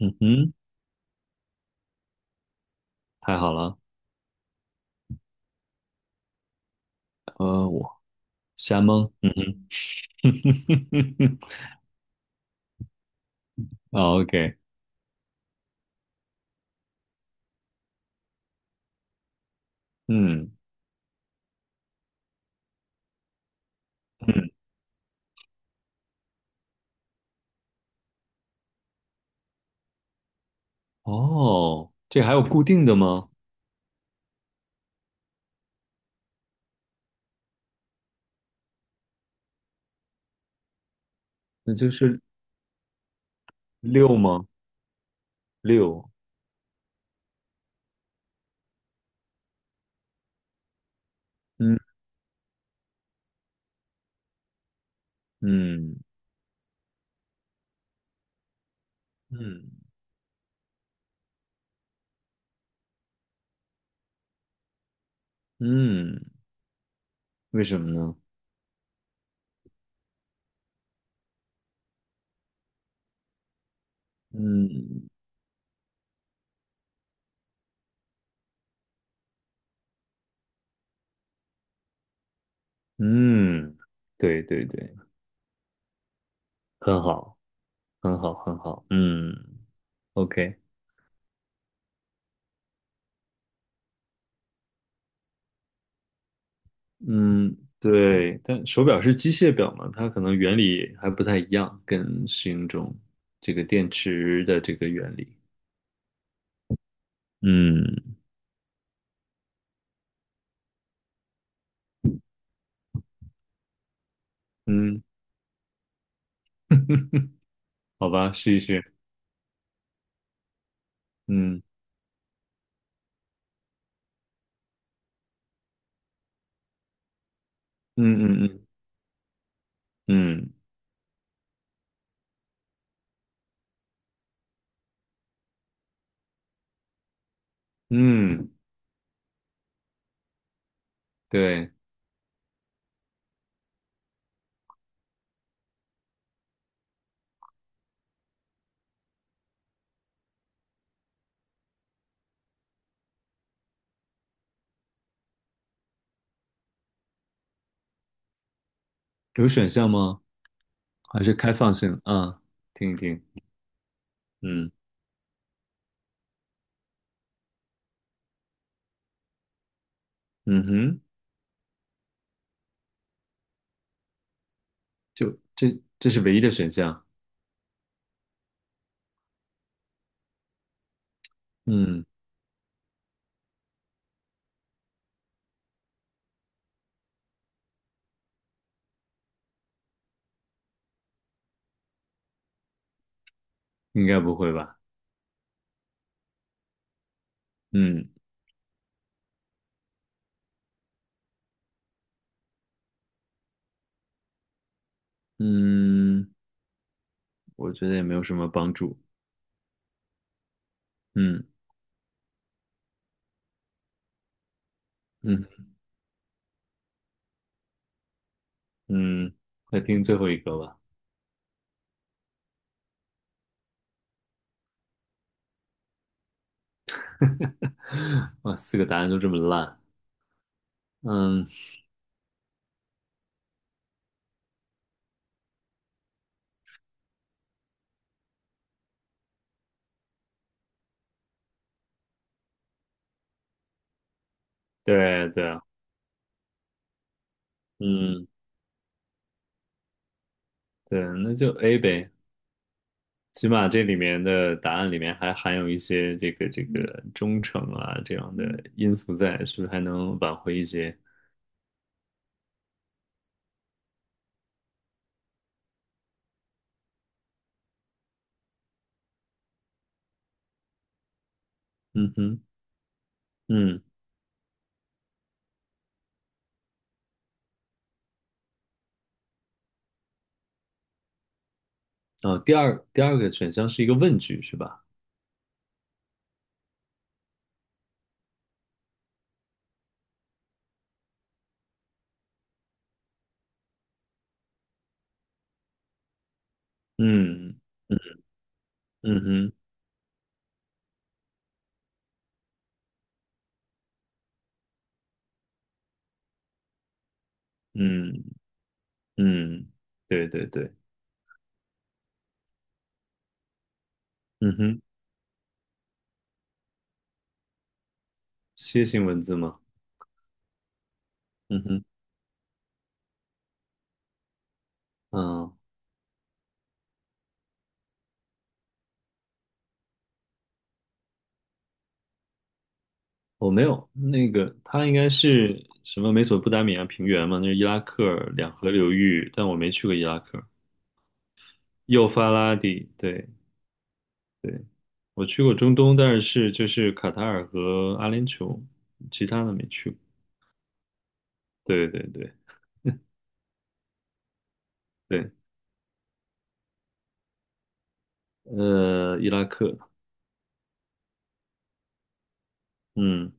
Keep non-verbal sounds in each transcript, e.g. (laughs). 嗯哼，太好了。我瞎蒙。嗯哼 (laughs) 啊，OK，嗯嗯，哦，这还有固定的吗？那就是六吗？六。嗯嗯嗯嗯，为什么呢？嗯嗯，对对对，很好，很好，很好。嗯，OK。嗯，对，但手表是机械表嘛，它可能原理还不太一样，跟适应中这个电池的这个原理。嗯嗯，好吧，试一试。嗯嗯嗯嗯嗯嗯，对，有选项吗？还是开放性？啊，听一听。嗯嗯哼，就这是唯一的选项。嗯，应该不会吧？嗯嗯，我觉得也没有什么帮助。嗯嗯嗯，来听最后一个吧。(laughs) 哇，四个答案都这么烂。嗯，对对，嗯对，那就 A 呗。起码这里面的答案里面还含有一些这个忠诚啊这样的因素在，是不是还能挽回一些？嗯哼，嗯，哦，第二个选项是一个问句是吧？嗯嗯嗯哼，嗯嗯，对对对，嗯哼，楔形文字吗？嗯哼，嗯。我没有，那个它应该是什么美索不达米亚平原嘛，那是伊拉克两河流域，但我没去过伊拉克。幼发拉底，对对，我去过中东，但是就是卡塔尔和阿联酋，其他的没去过。对对对对，伊拉克，嗯。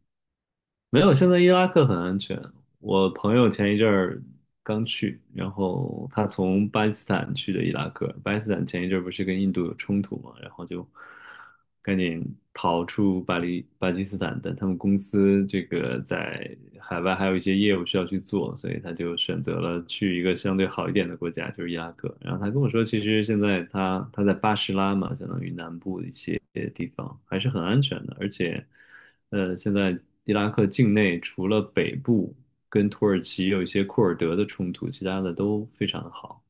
没有，现在伊拉克很安全。我朋友前一阵儿刚去，然后他从巴基斯坦去的伊拉克。巴基斯坦前一阵儿不是跟印度有冲突嘛，然后就赶紧逃出巴基斯坦，但他们公司这个在海外还有一些业务需要去做，所以他就选择了去一个相对好一点的国家，就是伊拉克。然后他跟我说，其实现在他在巴士拉嘛，相当于南部的一些地方还是很安全的，而且。现在伊拉克境内除了北部跟土耳其有一些库尔德的冲突，其他的都非常的好。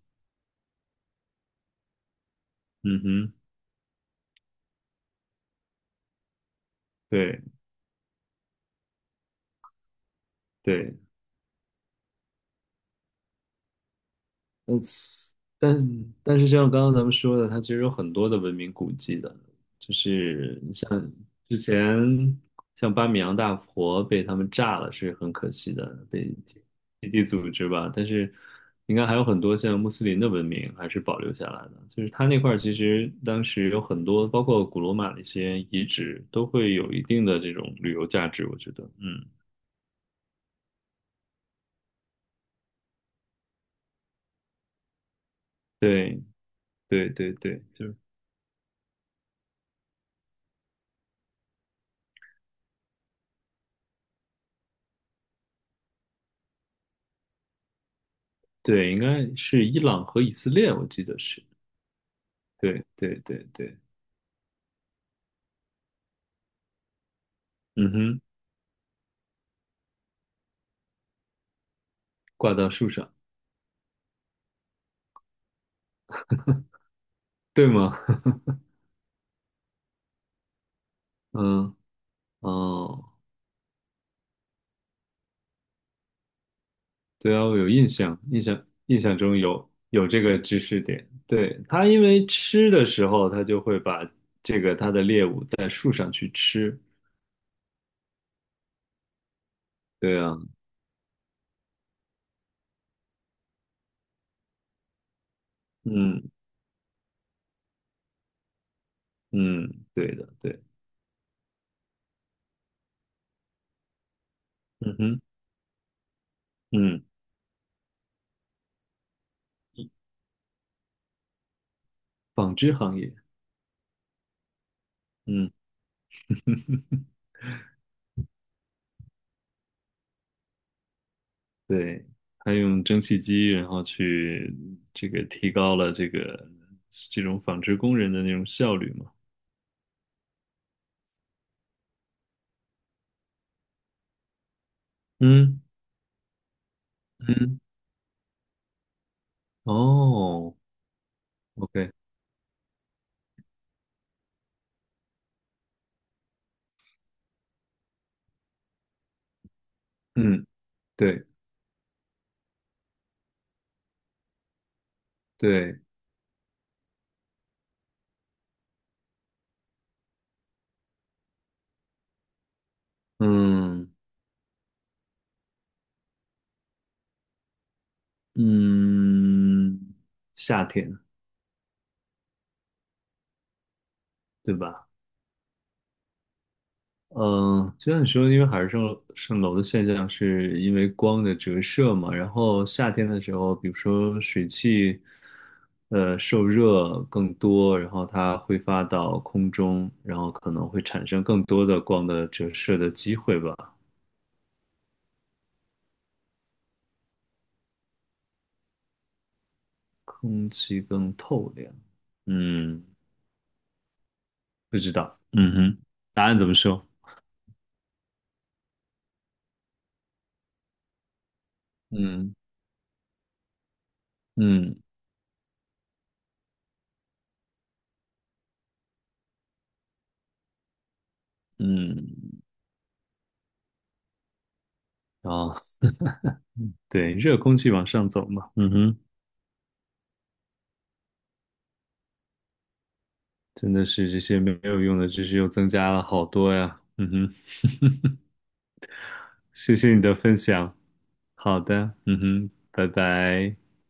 嗯哼，对对，嗯，但但是就像刚刚咱们说的，它其实有很多的文明古迹的，就是你像之前像巴米扬大佛被他们炸了是很可惜的，被基地组织吧，但是应该还有很多像穆斯林的文明还是保留下来的，就是它那块儿其实当时有很多，包括古罗马的一些遗址，都会有一定的这种旅游价值，我觉得，嗯，对对对对，就是对，应该是伊朗和以色列，我记得是。对对对对，嗯哼，挂到树上，对吗？(laughs) 嗯哦，对啊，我有印象，印象中有这个知识点。对，它因为吃的时候，它就会把这个它的猎物在树上去吃。对啊，嗯嗯，对的，对，嗯哼，嗯，纺织行业，嗯，对，它用蒸汽机，然后去这个提高了这个这种纺织工人的那种效率嘛。嗯嗯。哦，OK，嗯，对对，嗯嗯，夏天对吧？嗯，就像你说的，因为海市蜃楼的现象是因为光的折射嘛，然后夏天的时候，比如说水汽，受热更多，然后它挥发到空中，然后可能会产生更多的光的折射的机会吧，空气更透亮，嗯。不知道。嗯哼，答案怎么说？嗯嗯嗯，啊，对，热空气往上走嘛。嗯哼，真的是这些没有用的知识又增加了好多呀。嗯哼，谢谢你的分享。好的，嗯哼，拜拜。